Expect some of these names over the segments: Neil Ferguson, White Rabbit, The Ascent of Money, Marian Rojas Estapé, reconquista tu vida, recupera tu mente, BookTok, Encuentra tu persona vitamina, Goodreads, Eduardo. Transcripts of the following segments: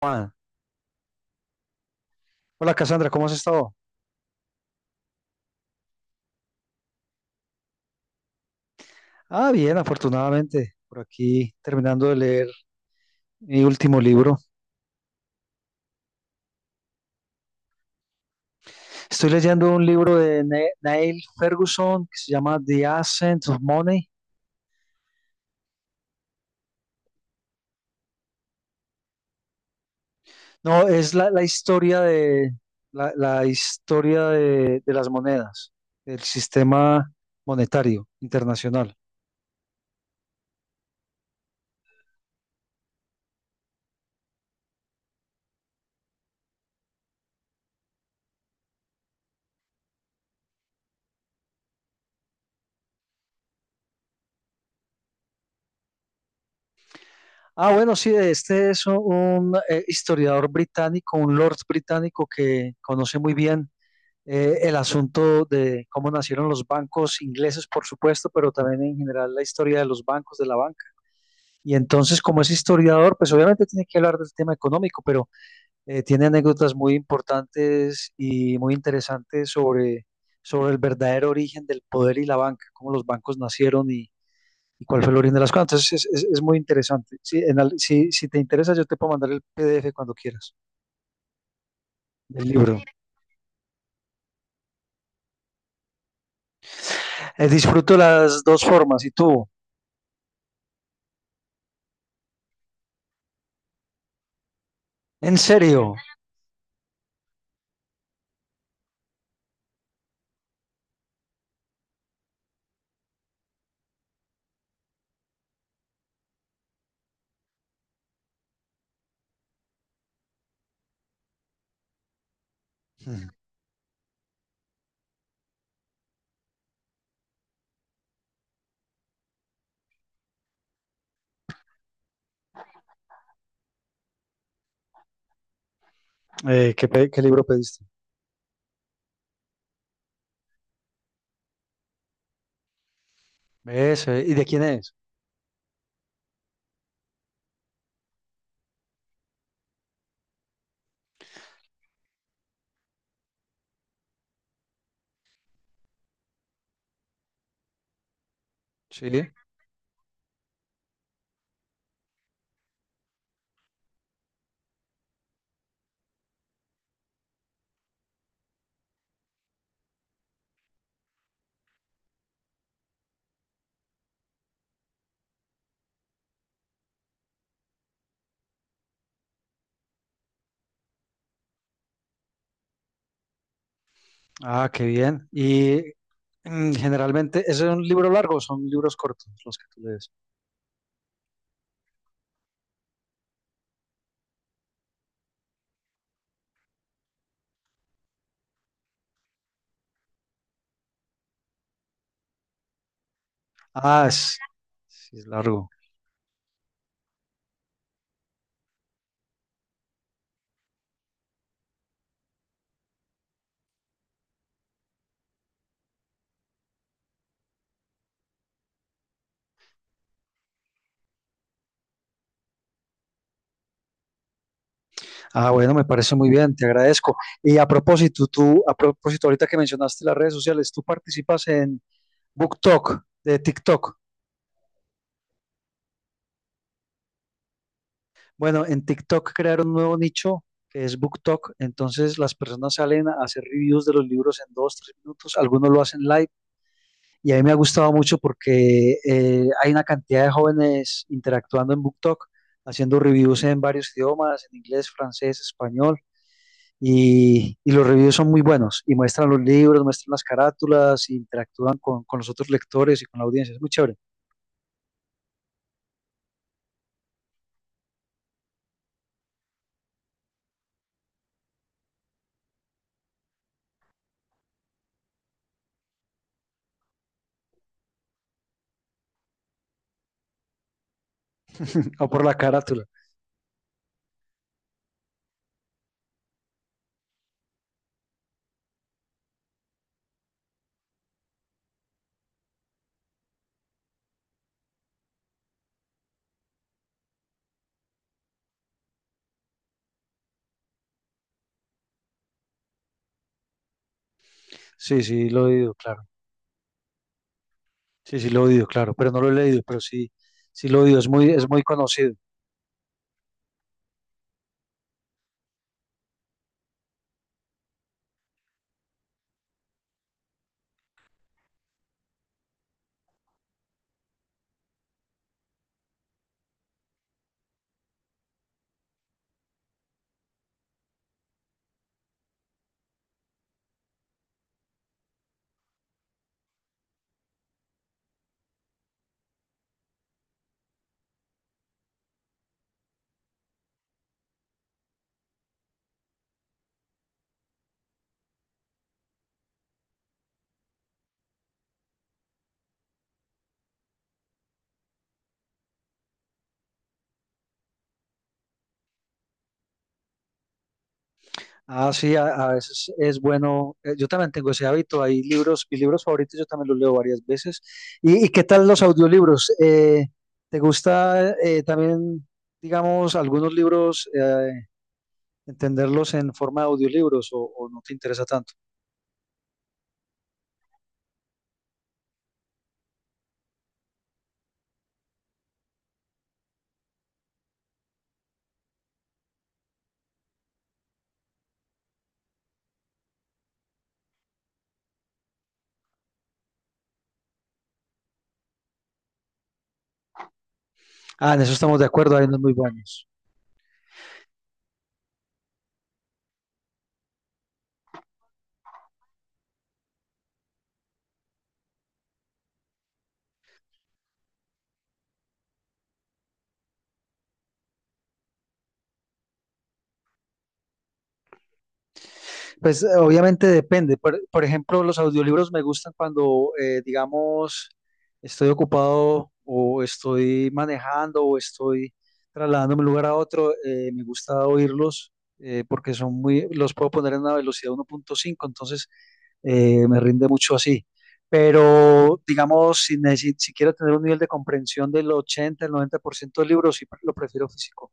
Juan. Hola Cassandra, ¿cómo has estado? Ah, bien, afortunadamente, por aquí terminando de leer mi último libro. Estoy leyendo un libro de Neil Ferguson que se llama The Ascent of Money. No, es la historia de la historia de las monedas, del sistema monetario internacional. Ah, bueno, sí, este es un historiador británico, un lord británico que conoce muy bien el asunto de cómo nacieron los bancos ingleses, por supuesto, pero también en general la historia de los bancos, de la banca. Y entonces, como es historiador, pues obviamente tiene que hablar del tema económico, pero tiene anécdotas muy importantes y muy interesantes sobre el verdadero origen del poder y la banca, cómo los bancos nacieron y cuál fue el origen de las cosas. Entonces, es muy interesante. Si, en al- si, si te interesa, yo te puedo mandar el PDF cuando quieras del libro. Disfruto las dos formas. ¿Y tú? ¿En serio? ¿ Qué libro pediste? Eso, ¿y de quién es? Sí. Ah, qué bien. Y generalmente, ¿eso es un libro largo o son libros cortos los que tú lees? Ah, es, sí, es largo. Ah, bueno, me parece muy bien, te agradezco. Y a propósito, tú, a propósito, ahorita que mencionaste las redes sociales, tú participas en BookTok, de TikTok. Bueno, en TikTok crearon un nuevo nicho que es BookTok, entonces las personas salen a hacer reviews de los libros en dos, tres minutos, algunos lo hacen live y a mí me ha gustado mucho porque hay una cantidad de jóvenes interactuando en BookTok, haciendo reviews en varios idiomas, en inglés, francés, español, y los reviews son muy buenos y muestran los libros, muestran las carátulas, e interactúan con los otros lectores y con la audiencia. Es muy chévere. O por la carátula. Sí, sí, lo he oído, claro. Sí, sí, lo he oído, claro, pero no lo he leído, pero sí, sí lo he oído. Es muy conocido. Ah, sí, a veces es bueno. Yo también tengo ese hábito. Hay libros, mis libros favoritos, yo también los leo varias veces. Y qué tal los audiolibros? ¿Te gusta también, digamos, algunos libros, entenderlos en forma de audiolibros o no te interesa tanto? Ah, en eso estamos de acuerdo, hay unos muy buenos. Pues obviamente depende. Por ejemplo, los audiolibros me gustan cuando, digamos, estoy ocupado o estoy manejando o estoy trasladándome de un lugar a otro. Me gusta oírlos porque son muy, los puedo poner en una velocidad 1.5, entonces me rinde mucho así. Pero, digamos, si quiero tener un nivel de comprensión del 80, el 90% del libro, lo prefiero físico.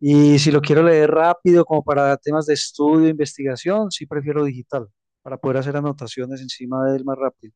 Y si lo quiero leer rápido, como para temas de estudio, investigación, sí prefiero digital, para poder hacer anotaciones encima de él más rápido.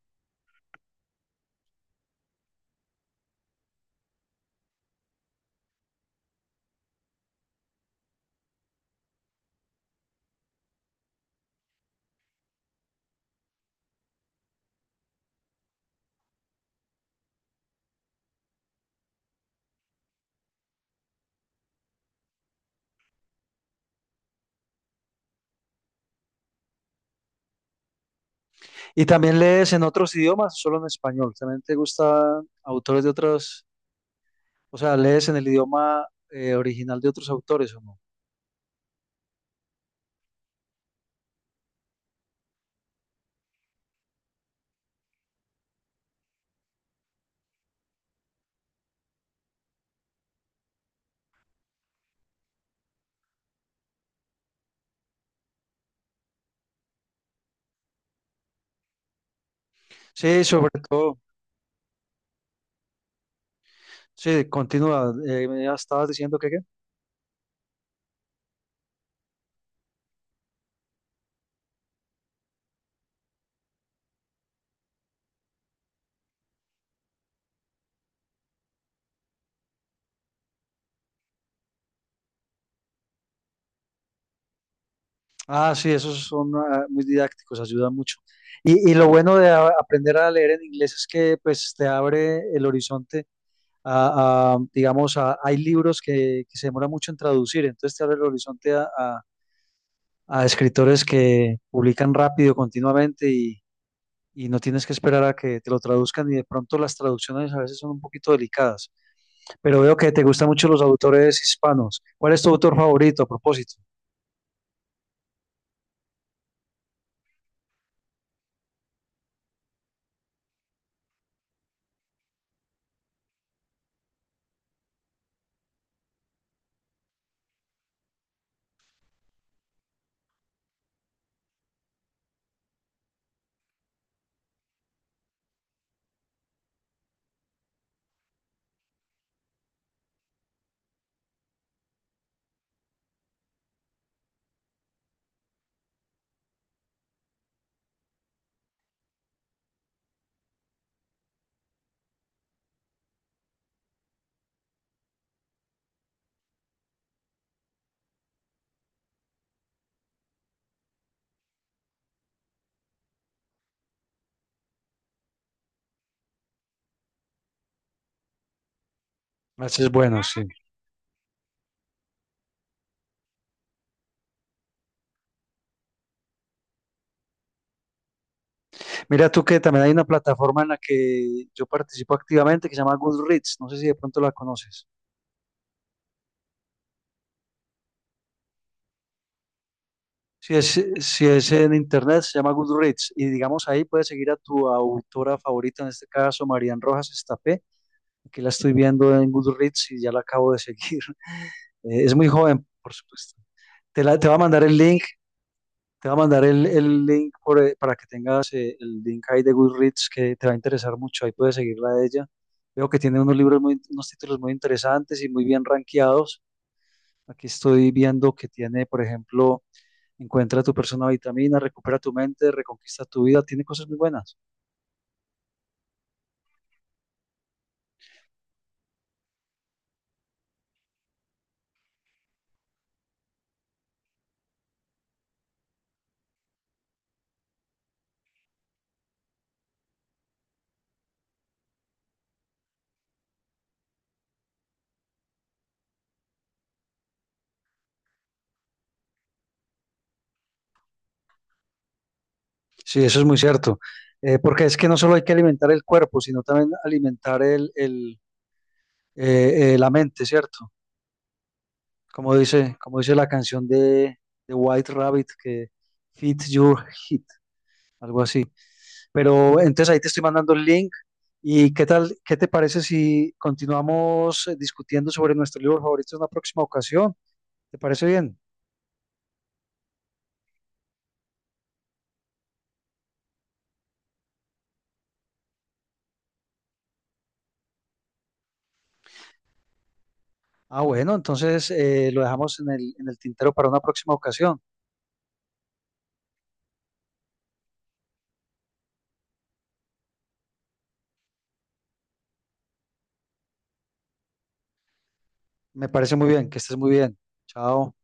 ¿Y también lees en otros idiomas, solo en español? ¿También te gustan autores de otros, o sea, lees en el idioma original de otros autores o no? Sí, sobre todo, sí, continúa, me estabas diciendo que qué. Ah, sí, esos son ah, muy didácticos, ayudan mucho. Y lo bueno de aprender a leer en inglés es que pues te abre el horizonte a, digamos, a- hay libros que se demora mucho en traducir, entonces te abre el horizonte a escritores que publican rápido, continuamente y no tienes que esperar a que te lo traduzcan y de pronto las traducciones a veces son un poquito delicadas, pero veo que te gustan mucho los autores hispanos. ¿Cuál es tu autor favorito a propósito? Ese es bueno, sí. Mira tú que también hay una plataforma en la que yo participo activamente que se llama Goodreads. No sé si de pronto la conoces. Si es en internet, se llama Goodreads. Y digamos ahí puedes seguir a tu autora favorita, en este caso Marian Rojas Estapé. Aquí la estoy viendo en Goodreads y ya la acabo de seguir. Es muy joven, por supuesto. Te va a mandar el link. Te va a mandar el link por, para que tengas el link ahí de Goodreads que te va a interesar mucho. Ahí puedes seguirla a ella. Veo que tiene unos libros muy, unos títulos muy interesantes y muy bien rankeados. Aquí estoy viendo que tiene, por ejemplo, Encuentra tu persona vitamina, recupera tu mente, reconquista tu vida. Tiene cosas muy buenas. Sí, eso es muy cierto. Porque es que no solo hay que alimentar el cuerpo, sino también alimentar la mente, ¿cierto? Como dice la canción de White Rabbit, que Fit Your Hit, algo así. Pero entonces ahí te estoy mandando el link. ¿Y qué tal, qué te parece si continuamos discutiendo sobre nuestro libro favorito en una próxima ocasión? ¿Te parece bien? Ah, bueno, entonces lo dejamos en el tintero para una próxima ocasión. Me parece muy bien, que estés muy bien. Chao.